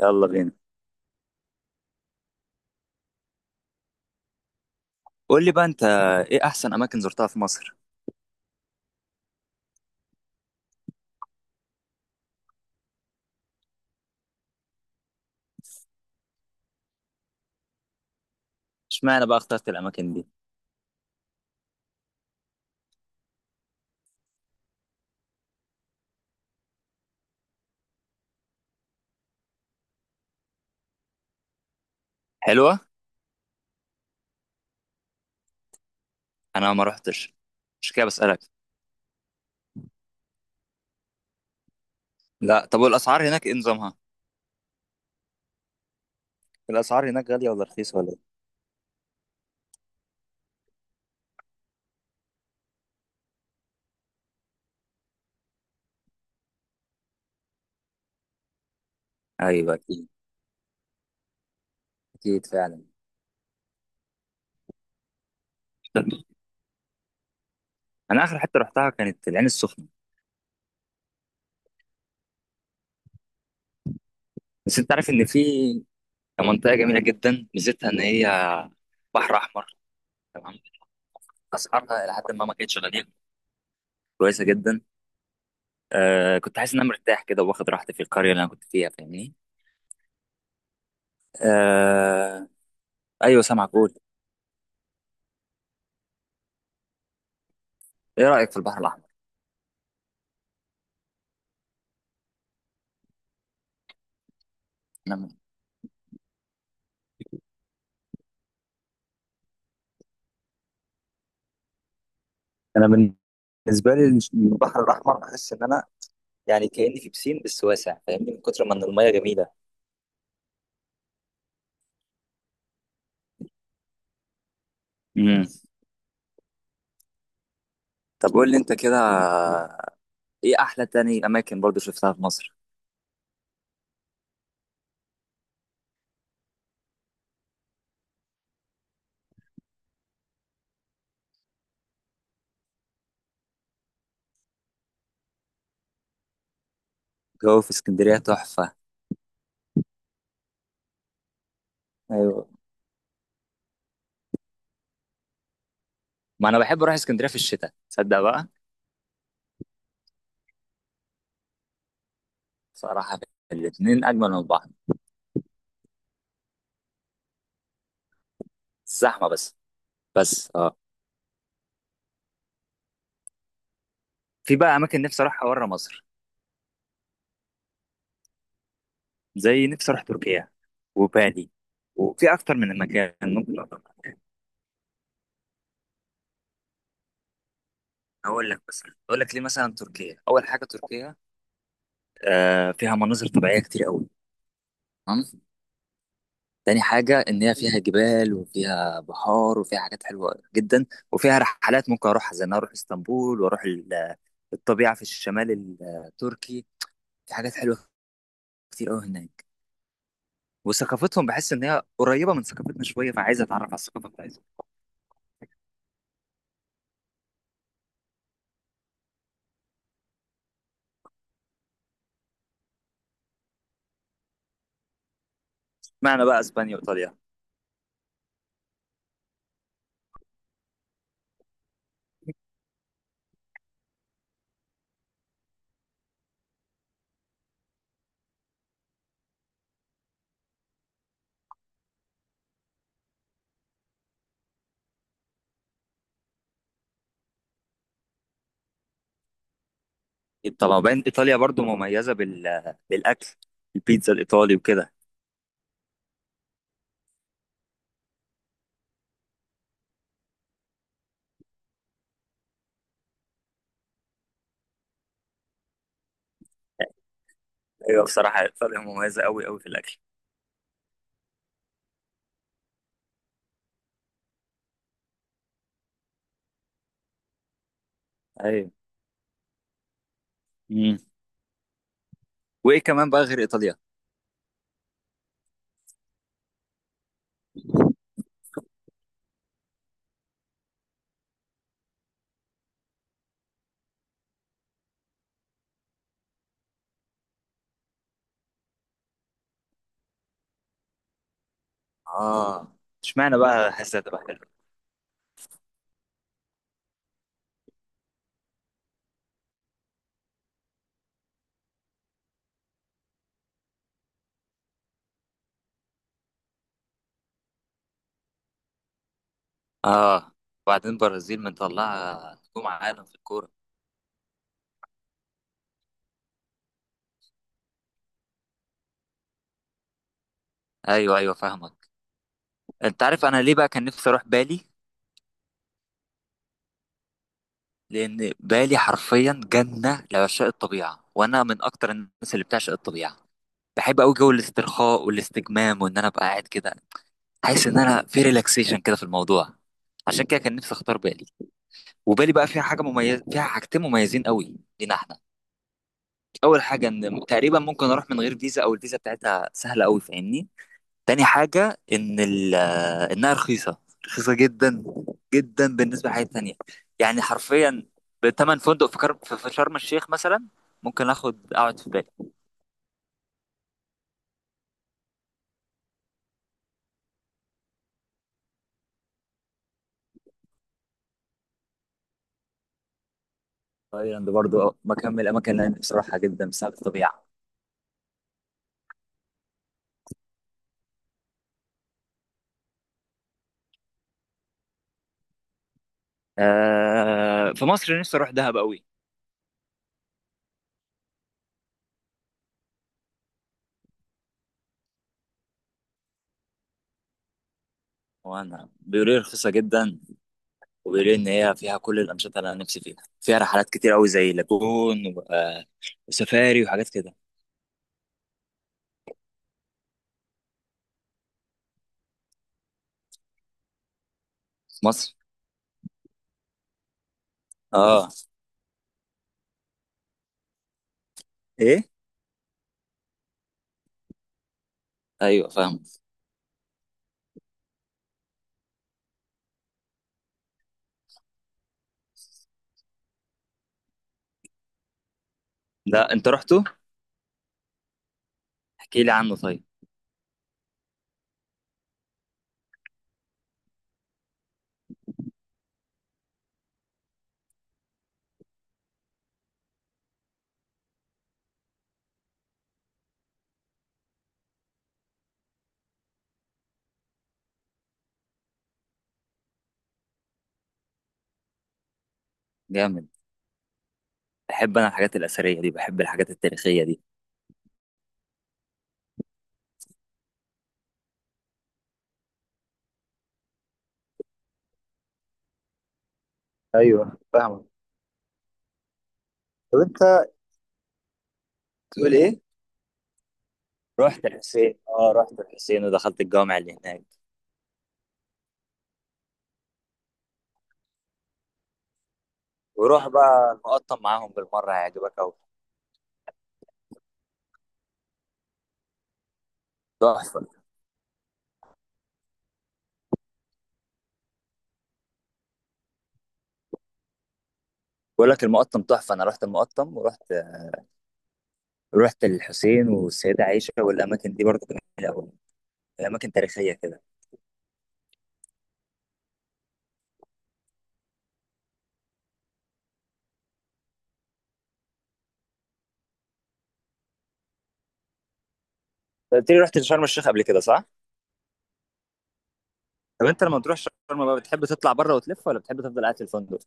يلا بينا. قول لي بقى، انت ايه احسن اماكن زرتها في مصر؟ اشمعنى بقى اخترت الاماكن دي؟ حلوه. انا ما رحتش. مش كده، بسالك. لا، طب والاسعار هناك ايه نظامها؟ الاسعار هناك غاليه ولا رخيصه ولا ايه؟ ايوه، اكيد. اكيد فعلا. انا اخر حته رحتها كانت العين السخنه. بس انت عارف ان في منطقه جميله جدا، ميزتها ان هي بحر احمر. تمام. اسعارها الى حد ما، ما كانتش غاليه. كويسه جدا. آه، كنت حاسس ان انا مرتاح كده واخد راحتي في القريه اللي انا كنت فيها، فاهمني. آه. ايوه، سامعك، قول. ايه رأيك في البحر الأحمر؟ أنا من- انا بالنسبه لي، البحر الاحمر بحس ان انا يعني كاني في بسين بس واسع، فاهمني من كتر ما ان الميه جميله. امم طب، قول لي انت كده، ايه احلى تاني اماكن برضو شفتها في مصر؟ جو في اسكندرية تحفة. ايوه، ما انا بحب اروح اسكندرية في الشتاء، تصدق بقى؟ صراحة، الاتنين اجمل من بعض. زحمة بس. بس، اه. في بقى اماكن نفسي اروحها بره مصر، زي نفسي اروح تركيا وبالي، وفي اكتر من مكان ممكن. هقول لك مثلا، هقول لك ليه، مثلا تركيا، اول حاجه تركيا، فيها مناظر طبيعيه كتير قوي. تمام. تاني حاجه ان هي فيها جبال وفيها بحار وفيها حاجات حلوه جدا. وفيها رحلات ممكن اروحها زي ان أنا اروح اسطنبول واروح الطبيعه في الشمال التركي، في حاجات حلوه كتير قوي هناك. وثقافتهم بحس ان هي قريبه من ثقافتنا شويه، فعايز اتعرف على الثقافه بتاعتهم. معنى بقى اسبانيا وايطاليا؟ طبعا، وبعدين ايطاليا برضو مميزه بالاكل، البيتزا الايطالي وكده. ايوه بصراحه، ايطاليا مميزه قوي قوي في الاكل. ايوه. امم وايه كمان بقى غير ايطاليا؟ اه. اشمعنى بقى حاسسها تبقى حلوه؟ اه وبعدين برازيل مطلعه نجوم عالم في الكوره. ايوه، ايوه، فاهمك. انت عارف انا ليه بقى كان نفسي اروح بالي؟ لان بالي حرفيا جنه لعشاق الطبيعه، وانا من اكتر الناس اللي بتعشق الطبيعه. بحب قوي جو الاسترخاء والاستجمام، وان انا ابقى قاعد كده حاسس ان انا في ريلاكسيشن كده في الموضوع. عشان كده كان نفسي اختار بالي. وبالي بقى فيها حاجه مميزه، فيها حاجتين مميزين قوي لينا احنا. اول حاجه ان تقريبا ممكن اروح من غير فيزا او الفيزا بتاعتها سهله قوي، فاهمني. تاني حاجه ان انها رخيصه. رخيصه جدا. جدا بالنسبه لحاجات تانية. يعني حرفيا، بتمن فندق في كرم في شرم الشيخ مثلا، ممكن اخد اقعد في بالي. تايلاند برضو مكان من الاماكن اللي انا نفسي اروحها جدا بسبب الطبيعه. آه، في مصر نفسي اروح دهب قوي. وانا بيقولوا لي رخيصه جدا، وبيقولوا لي ان هي فيها كل الانشطه اللي انا نفسي فيها. فيها رحلات كتير قوي زي لاجون وسفاري وحاجات كده. في مصر. اه. ايه؟ ايوه، فاهم. لا، انت رحته. احكي لي عنه طيب. جامد. بحب انا الحاجات الاثريه دي، بحب الحاجات التاريخيه دي. طب انت تقول ايه؟ رحت الحسين، رحت الحسين ودخلت الجامع اللي هناك. وروح بقى المقطم معاهم بالمره، هيعجبك قوي. تحفه. بقول لك المقطم تحفه. انا رحت المقطم، ورحت الحسين والسيده عائشه والاماكن دي برضه كانت جميلة أوي. اماكن تاريخيه كده. أنت قلت لي رحت شرم الشيخ قبل كده، صح؟ طب انت لما تروح شرم بقى، بتحب تطلع بره وتلف ولا بتحب تفضل قاعد في الفندق؟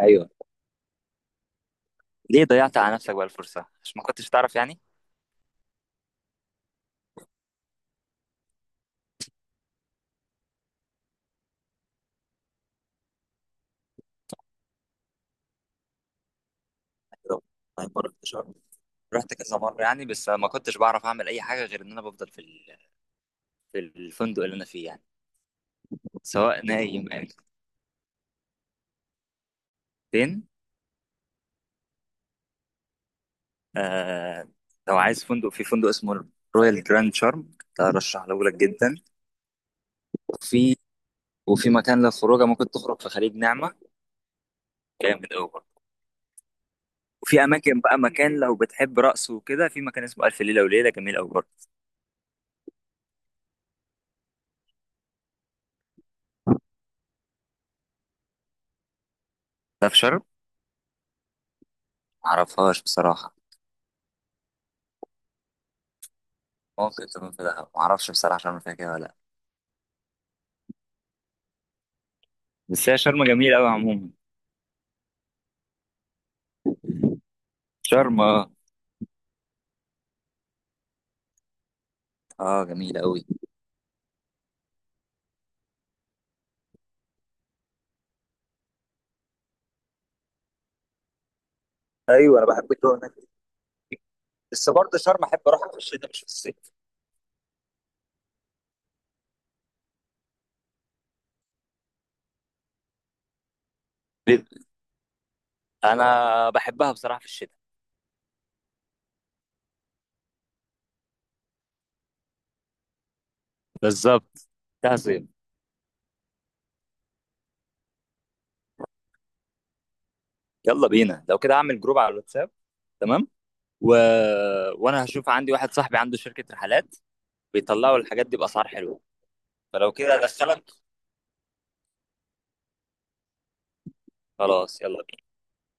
ايوه. ليه ضيعت على نفسك بقى الفرصه؟ عشان ما كنتش تعرف يعني؟ أيوة. طيب، مرة رحت شرم، رحت كذا مره يعني، بس ما كنتش بعرف اعمل اي حاجه غير ان انا بفضل في الفندق اللي انا فيه يعني، سواء نايم او. فين؟ آه. لو عايز فندق، في فندق اسمه رويال جراند شارم، ده ارشحه لك جدا. وفي وفي مكان للخروجه، ممكن تخرج في خليج نعمه، جامد قوي. وفي اماكن بقى، مكان لو بتحب رقص وكده، في مكان اسمه الف ليله وليله، جميل قوي برضه. ده في شرم. معرفهاش بصراحه. ممكن تكون في دهب، معرفش بصراحه شرم فيها كده ولا لا. بس هي شرم جميله قوي عموما. شرم، اه. اه، جميله قوي. ايوه، انا بحب الجو هناك. بس برضه شرم احب اروحها في الشتاء مش في الصيف. ليه؟ انا بحبها بصراحه في الشتاء. بالظبط. ده صيف. يلا بينا، لو كده اعمل جروب على الواتساب. تمام. و... وانا هشوف، عندي واحد صاحبي عنده شركه رحلات، بيطلعوا الحاجات دي باسعار حلوه. فلو كده ادخلك. خلاص، يلا بينا.